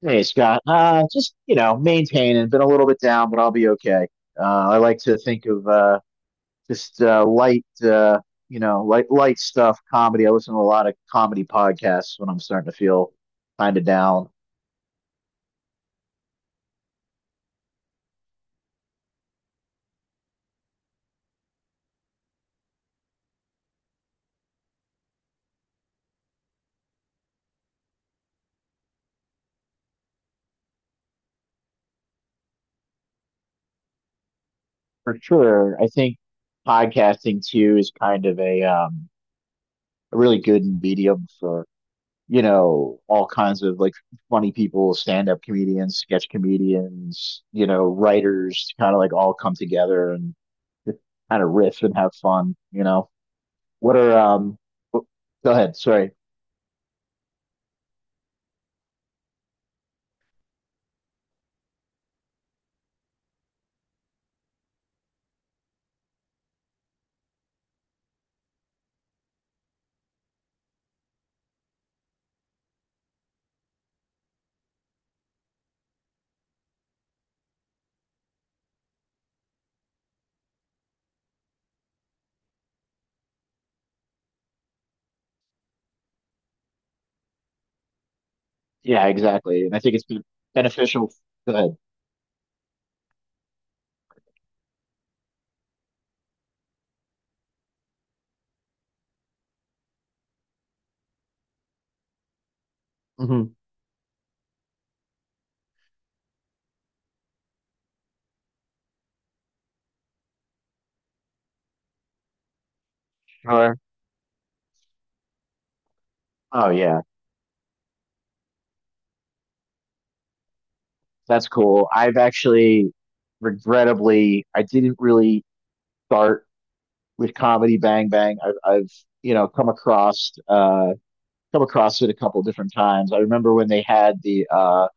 Hey, Scott. Maintaining, been a little bit down, but I'll be okay. I like to think of just light, light stuff, comedy. I listen to a lot of comedy podcasts when I'm starting to feel kind of down. For sure. I think podcasting too is kind of a really good medium for all kinds of like funny people, stand up comedians, sketch comedians, writers kind of like all come together and just kind of riff and have fun. What are, w- go ahead. Sorry. Yeah, exactly. And I think it's been beneficial. Go ahead. Hmm. Sure. Oh, yeah. That's cool. I've actually, regrettably, I didn't really start with Comedy Bang Bang. Come come across it a couple different times. I remember when they had the uh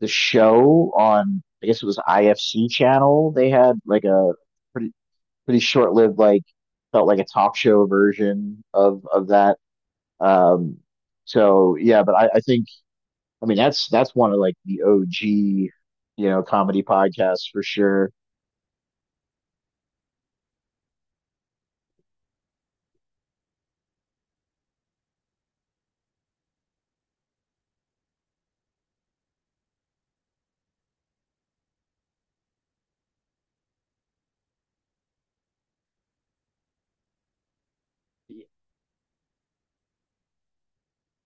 the show on, I guess it was IFC channel. They had like a pretty pretty short lived, like felt like a talk show version of that. Um, so yeah, but I think, I mean, that's one of like the OG, comedy podcasts for sure.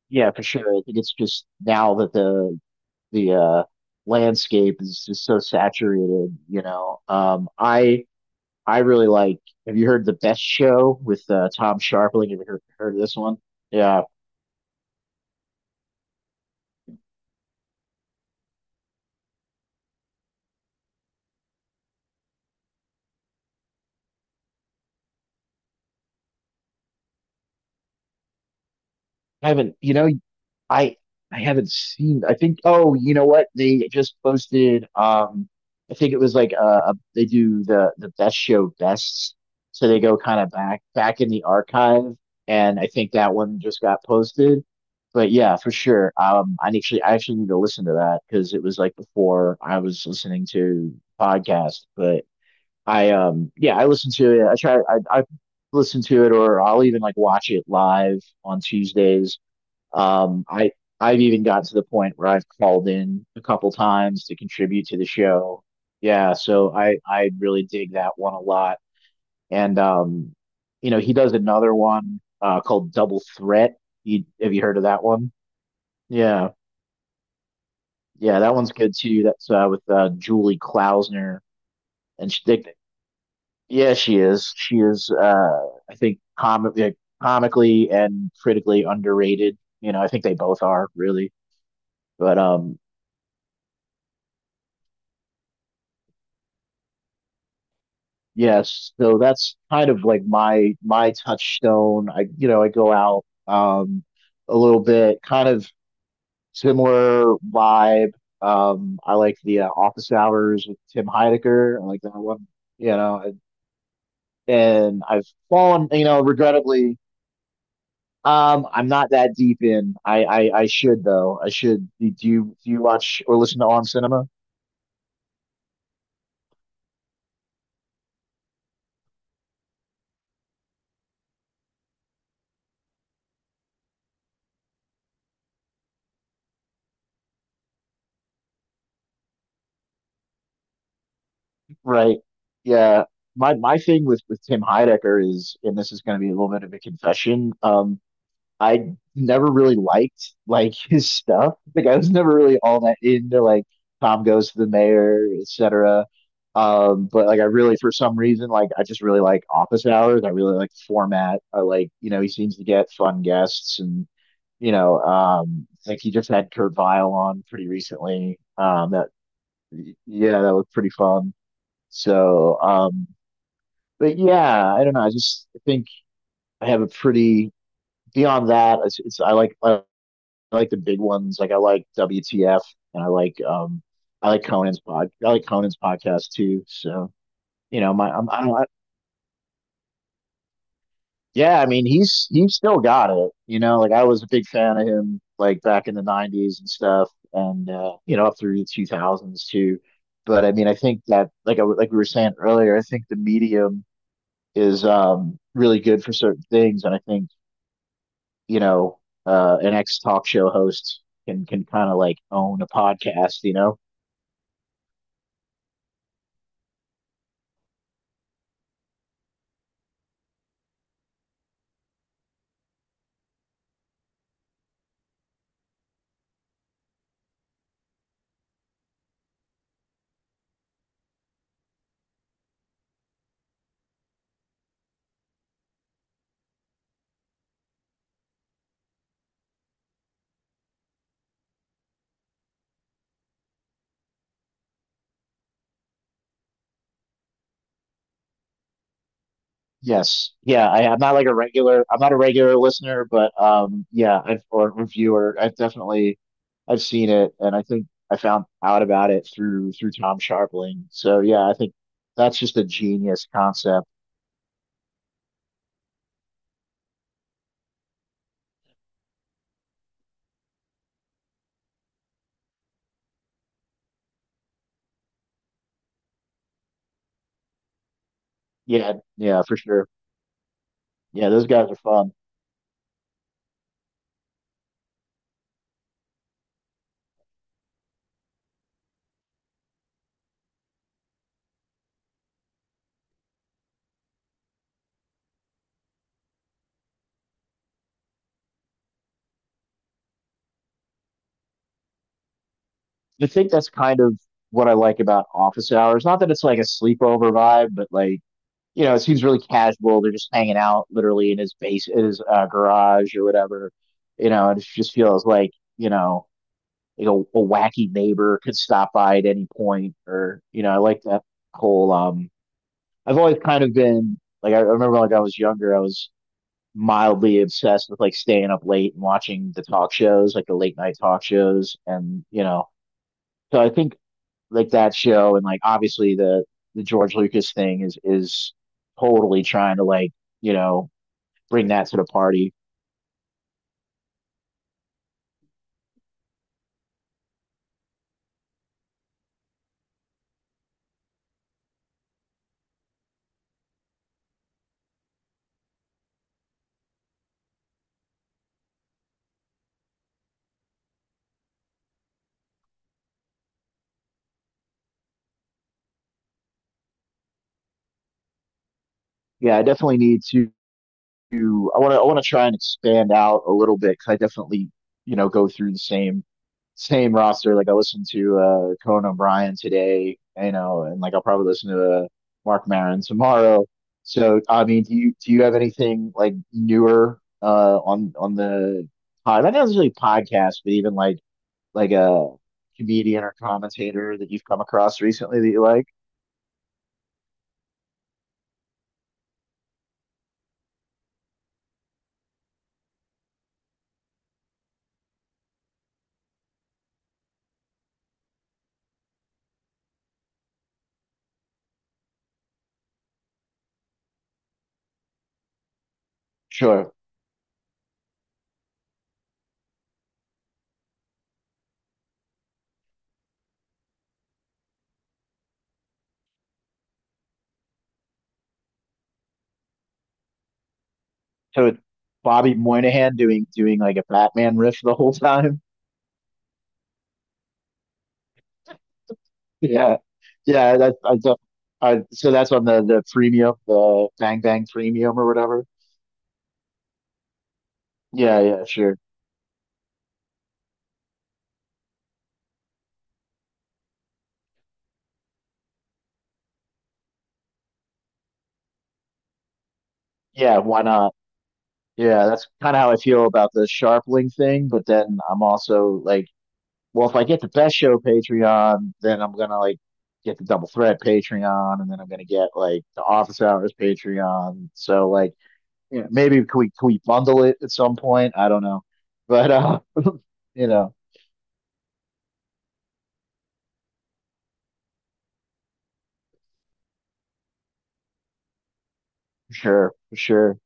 Yeah, for sure. I think it's just now that the landscape is just so saturated, you know. I really like. Have you heard the Best Show with Tom Sharpling? Have you heard of this one? Yeah, I haven't. You know, I I haven't seen. I think. Oh, you know what? They just posted. I think it was like they do the Best Show bests, so they go kind of back in the archive, and I think that one just got posted. But yeah, for sure. I actually need to listen to that because it was like before I was listening to podcasts, but. I yeah, I listen to it. I try I listen to it, or I'll even like watch it live on Tuesdays. Um I I've even gotten to the point where I've called in a couple times to contribute to the show. Yeah, so I really dig that one a lot. And um, you know, he does another one called Double Threat. Have you heard of that one? Yeah. Yeah, that one's good too. That's with Julie Klausner and she, they, yeah, she is. She is. I think comically and critically underrated. You know, I think they both are really. But yes. So that's kind of like my touchstone. I, you know, I go out a little bit, kind of similar vibe. I like the Office Hours with Tim Heidecker. I like that one. You know, and I've fallen. You know, regrettably um, I'm not that deep in. I should though. I should. Do you watch or listen to On Cinema? Right. Yeah. My thing with Tim Heidecker is, and this is going to be a little bit of a confession. I never really liked like his stuff. Like I was never really all that into like Tom Goes to the Mayor, etc. But like I really for some reason like I just really like Office Hours. I really like the format. I like, you know, he seems to get fun guests and, you know, um, like he just had Kurt Vile on pretty recently. That yeah, that was pretty fun. So but yeah, I don't know. I just think I have a pretty, beyond that it's I like I like the big ones. Like I like WTF and I like um, I like Conan's pod. I like Conan's podcast too. So you know, my I'm, I don't. I, yeah, I mean, he's still got it. You know, like I was a big fan of him like back in the '90s and stuff, and you know, up through the 2000s too. But I mean, I think that like, I like we were saying earlier, I think the medium is really good for certain things, and I think, you know, an ex talk show host can kind of like own a podcast. You know. Yes. Yeah, I'm not like a regular, I'm not a regular listener, but um, yeah, I've, or reviewer. I've definitely I've seen it, and I think I found out about it through Tom Sharpling. So yeah, I think that's just a genius concept. Yeah, yeah, for sure. Yeah, those guys are fun. I think that's kind of what I like about office hours. Not that it's like a sleepover vibe, but like, you know, it seems really casual. They're just hanging out literally in his base, in his garage or whatever. You know, and it just feels like, you know, a wacky neighbor could stop by at any point, or you know, I like that whole. I've always kind of been like, I remember like I was younger, I was mildly obsessed with like staying up late and watching the talk shows, like the late night talk shows, and you know, so I think like that show and like obviously the George Lucas thing is totally trying to like, you know, bring that to the party. Yeah, I definitely need to I want to try and expand out a little bit because I definitely, you know, go through the same roster. Like I listened to Conan O'Brien today, you know, and like I'll probably listen to Mark Maron tomorrow. So I mean, do you have anything like newer on the pod? Not necessarily podcast, but even like a comedian or commentator that you've come across recently that you like? Sure. So it's Bobby Moynihan doing like a Batman riff the whole time. Yeah, yeah. That's I do I so that's on the premium, the Bang Bang premium or whatever. Yeah, yeah, sure. Yeah, why not? Yeah, that's kind of how I feel about the Sharpling thing. But then I'm also like, well, if I get the Best Show Patreon, then I'm gonna like get the Double Threat Patreon, and then I'm gonna get like the Office Hours Patreon. So like, yeah, maybe can we bundle it at some point? I don't know, but you know, sure, sure.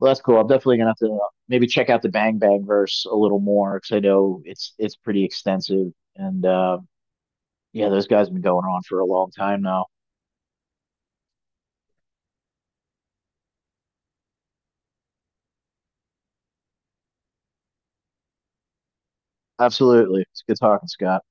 Well, that's cool. I'm definitely gonna have to maybe check out the Bang Bang verse a little more because I know it's pretty extensive. And yeah, those guys have been going on for a long time now. Absolutely. It's good talking, Scott.